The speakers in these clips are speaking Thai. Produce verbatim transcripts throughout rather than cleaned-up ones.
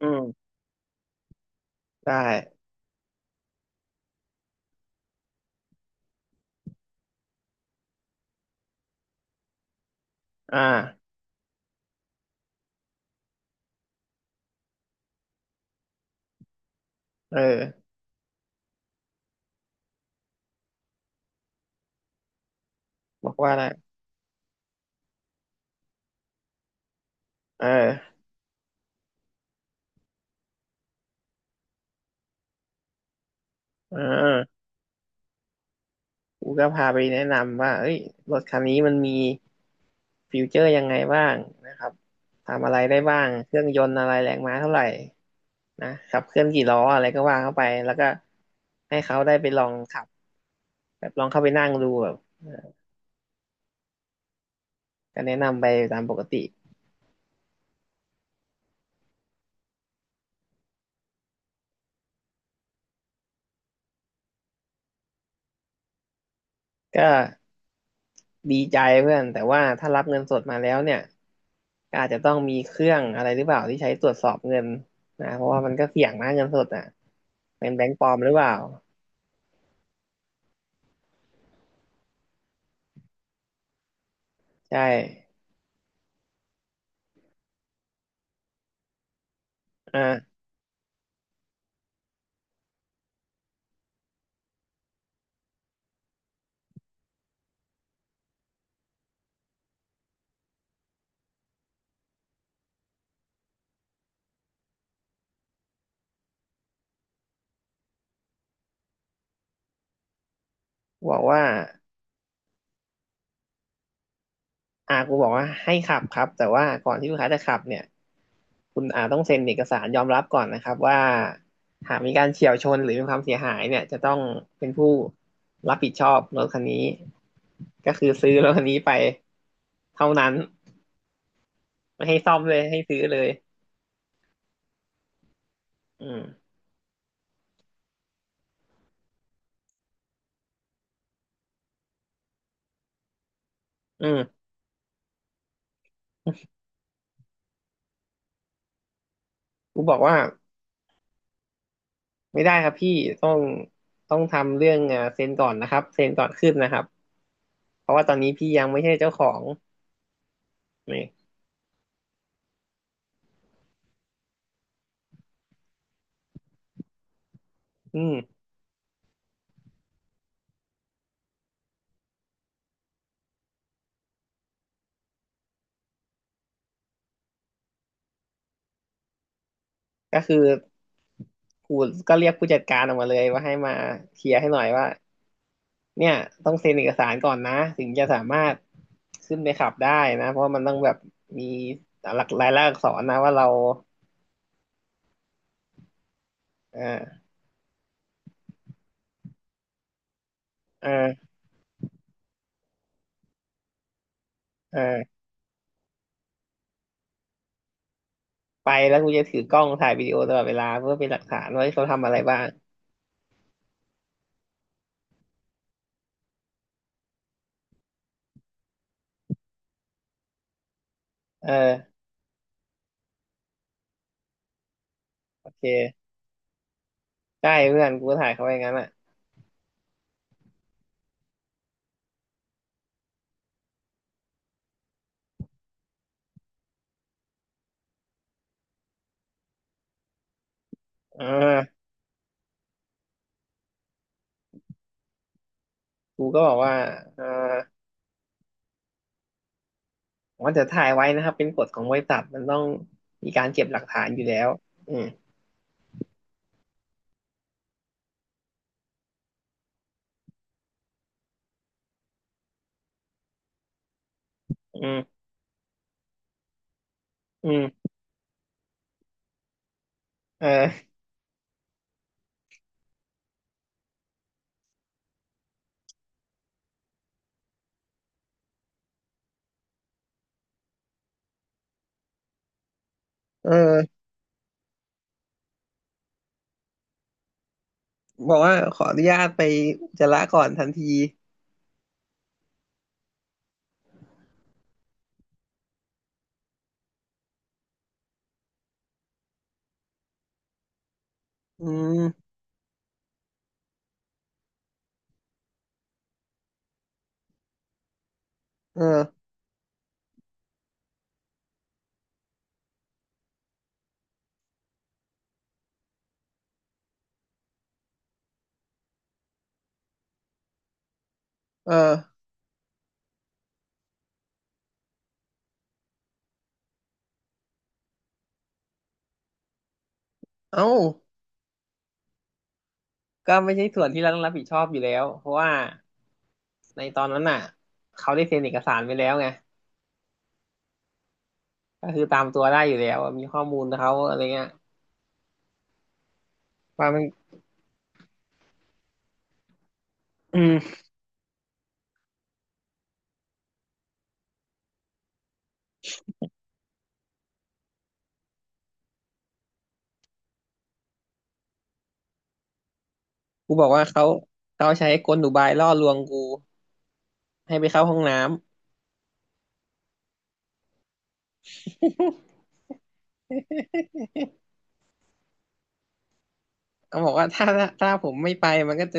อืมได้อ่าเออ บอกว่าอะไรเออเอ่ากูก็พาไปแนะนำว่าเอ้ยรถคันนี้มันมีฟิวเจอร์ยังไงบ้างนะครับ ทำอะไรได้บ้าง เครื่องยนต์อะไรแรงม้าเท่าไหร่นะขับเคลื่อนกี่ล้ออะไรก็ว่าเข้าไป แล้วก็ให้เขาได้ไปลองขับ แบบลองเข้าไปนั่งดูแบบก็แนะนำไปตามปกติก็ ดีใจเพื่อนแต่ว่าถ้ารับเงินสดมาแล้วเนี่ยก็อาจจะต้องมีเครื่องอะไรหรือเปล่าที่ใช้ตรวจสอบเงินนะเพราะว่ามันก็เสี่ยงนะเงินสดอ่ะเป็นแบงก์ปลอมหรือเปล่าใช่อ่าบอกว่าอ่ากูบอกว่าให้ขับครับแต่ว่าก่อนที่ลูกค้าจะขับเนี่ยคุณอาต้องเซ็นเอกสารยอมรับก่อนนะครับว่าหากมีการเฉี่ยวชนหรือมีความเสียหายเนี่ยจะต้องเป็นผู้รับผิดชอบรถคันนี้ก็คือซื้อรถคันนี้ไปเท่านั้น ไม่ให้ซ่อมเลยให้ซื้อเลยอืมอืมกูบอกว่าไม่ได้ครับพี่ต้องต้องทำเรื่องอ่าเซ็นก่อนนะครับเซ็นก่อนขึ้นนะครับเพราะว่าตอนนี้พี่ยังไม่ใช่เจ้าของนี่อืมก็คือกูก็เรียกผู้จัดการออกมาเลยว่าให้มาเคลียร์ให้หน่อยว่าเนี่ยต้องเซ็นเอกสารก่อนนะถึงจะสามารถขึ้นไปขับได้นะเพราะว่ามันต้องแบบมีหลักลายลักษณ์อักษรนะว่าเราเออเออเออ ไปแล้วกูจะถือกล้องถ่ายวิดีโอตลอดเวลาเพื่อเป็นหลักฐานว่าเขาทำอะไรบ้างเออโอเคใช่เพื่อนกูก็ถ่ายเขาไว้อย่างนั้นอ่ะอ่ากูก็บอกว่าเออว่าจะถ่ายไว้นะครับเป็นกฎของบริษัทมันต้องมีการเก็บหลักฐานอยู่แล้วอืมอืมอืมเออเออบอกว่าขออนุญาตไปอุจจาระก่อนทันทีอืมเออเออเอ้าก็ไม่ใช่ส่วนที่เราต้องรับผิดชอบอยู่แล้วเพราะว่าในตอนนั้นน่ะเขาได้เซ็นเอกสารไปแล้วไง ก็คือตามตัวได้อยู่แล้วอะมีข้อมูลเขาอะไรเงี้ยว่ามันอืมกูบอกว่าเขาเขาใช้กลอุบายล่อลวงกูให้ไปเข้าห้องน้ำ เขาบอกว่าถ้าถ้าผมไม่ไปมันก็จะ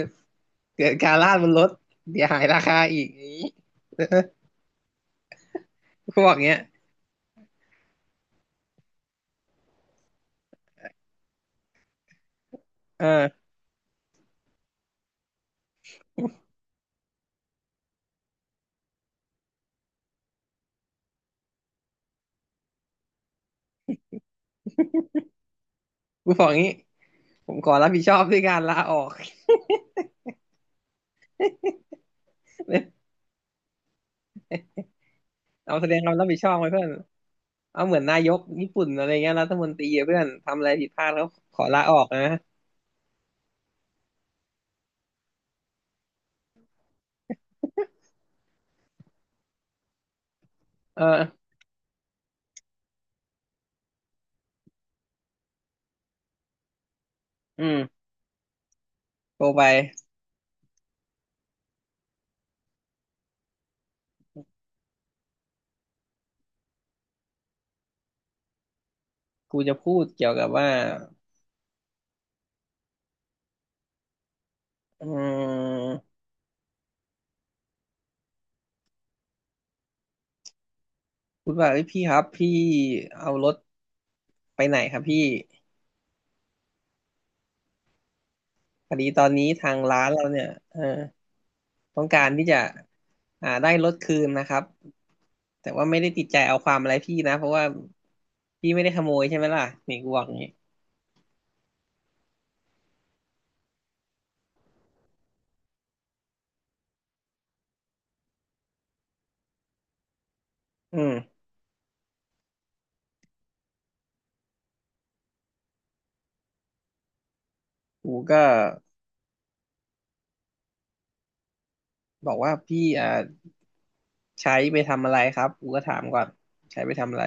เกิดการลาดบนรถเสียหายราคาอีกอย่างนี้ เออกูบอกเงี้ยเออกูบอกงี้ผมขอรับผิดชอบด้วยการลาออก เอาแสดงความรับผิดชอบไว้เพื่อนเอาเหมือนนายกญี่ปุ่นอะไรเงี้ยรัฐมนตรีอะเพื่อนทำอะไรผิดพลาดแล้วขอลาออกนะเอออืม โทรไปกูจะพูดเกี่ยวกับว่าอืมพูดว่าเอ้ยพี่ครับพี่เอารถไปไหนครับพี่พอดีตอนนี้ทางร้านเราเนี่ยเออต้องการที่จะอ่าได้รถคืนนะครับแต่ว่าไม่ได้ติดใจเอาความอะไรพี่นะเพราะว่าพี่ไม่ได้ขโมยใช่ไหมล่ะนี่กูบอกอย่างนี้อืมกูก็บอกว่าพี่อ่าใช้ไปทำอะไรครับกูก็ถามก่อนใช้ไปทำอะไร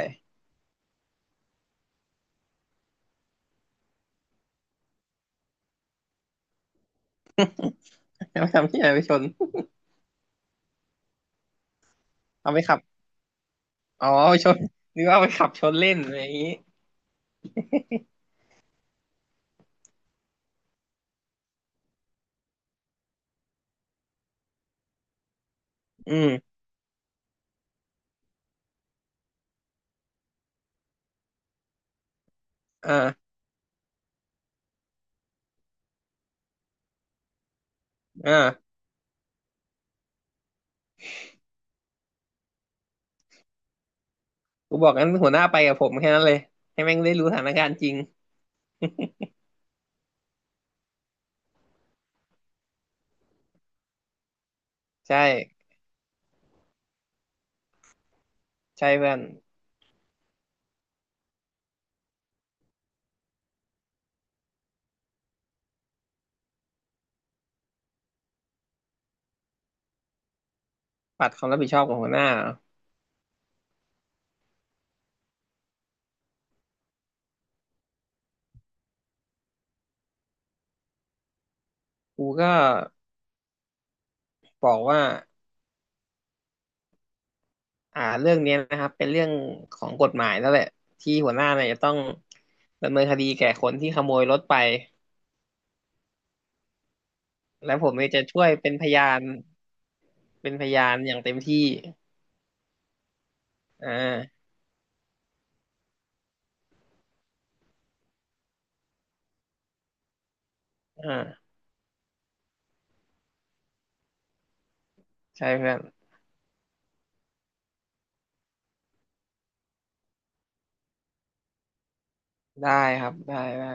เอา ไปทำที่ไหนไปชนเอาไปขับ อ๋อชนนึกว่าไปขับชนเล่นอะไรอย่างนี้อืมอ่าอ่ากูบอกงั้นหัวหน้าไปกับผมแค่นั้นเลยให้แม่งได้รู้สถานการณ์จริงใช่ใช่เพื่อนปัดความรับผิดชอบของหัวหน้ากูก็บอกว่าอ่าเรื่องเนี้ยนะครับเป็นเรื่องของกฎหมายแล้วแหละที่หัวหน้าเนี่ยจะต้องดำเนินคดีแก่คนที่ขโมยรถไปและผมเนี่ยจะช่วยเป็นพยานเป็นพยานอย่างเต็มที่อ่าอ่าใช่เพื่อนได้ครับได้ได้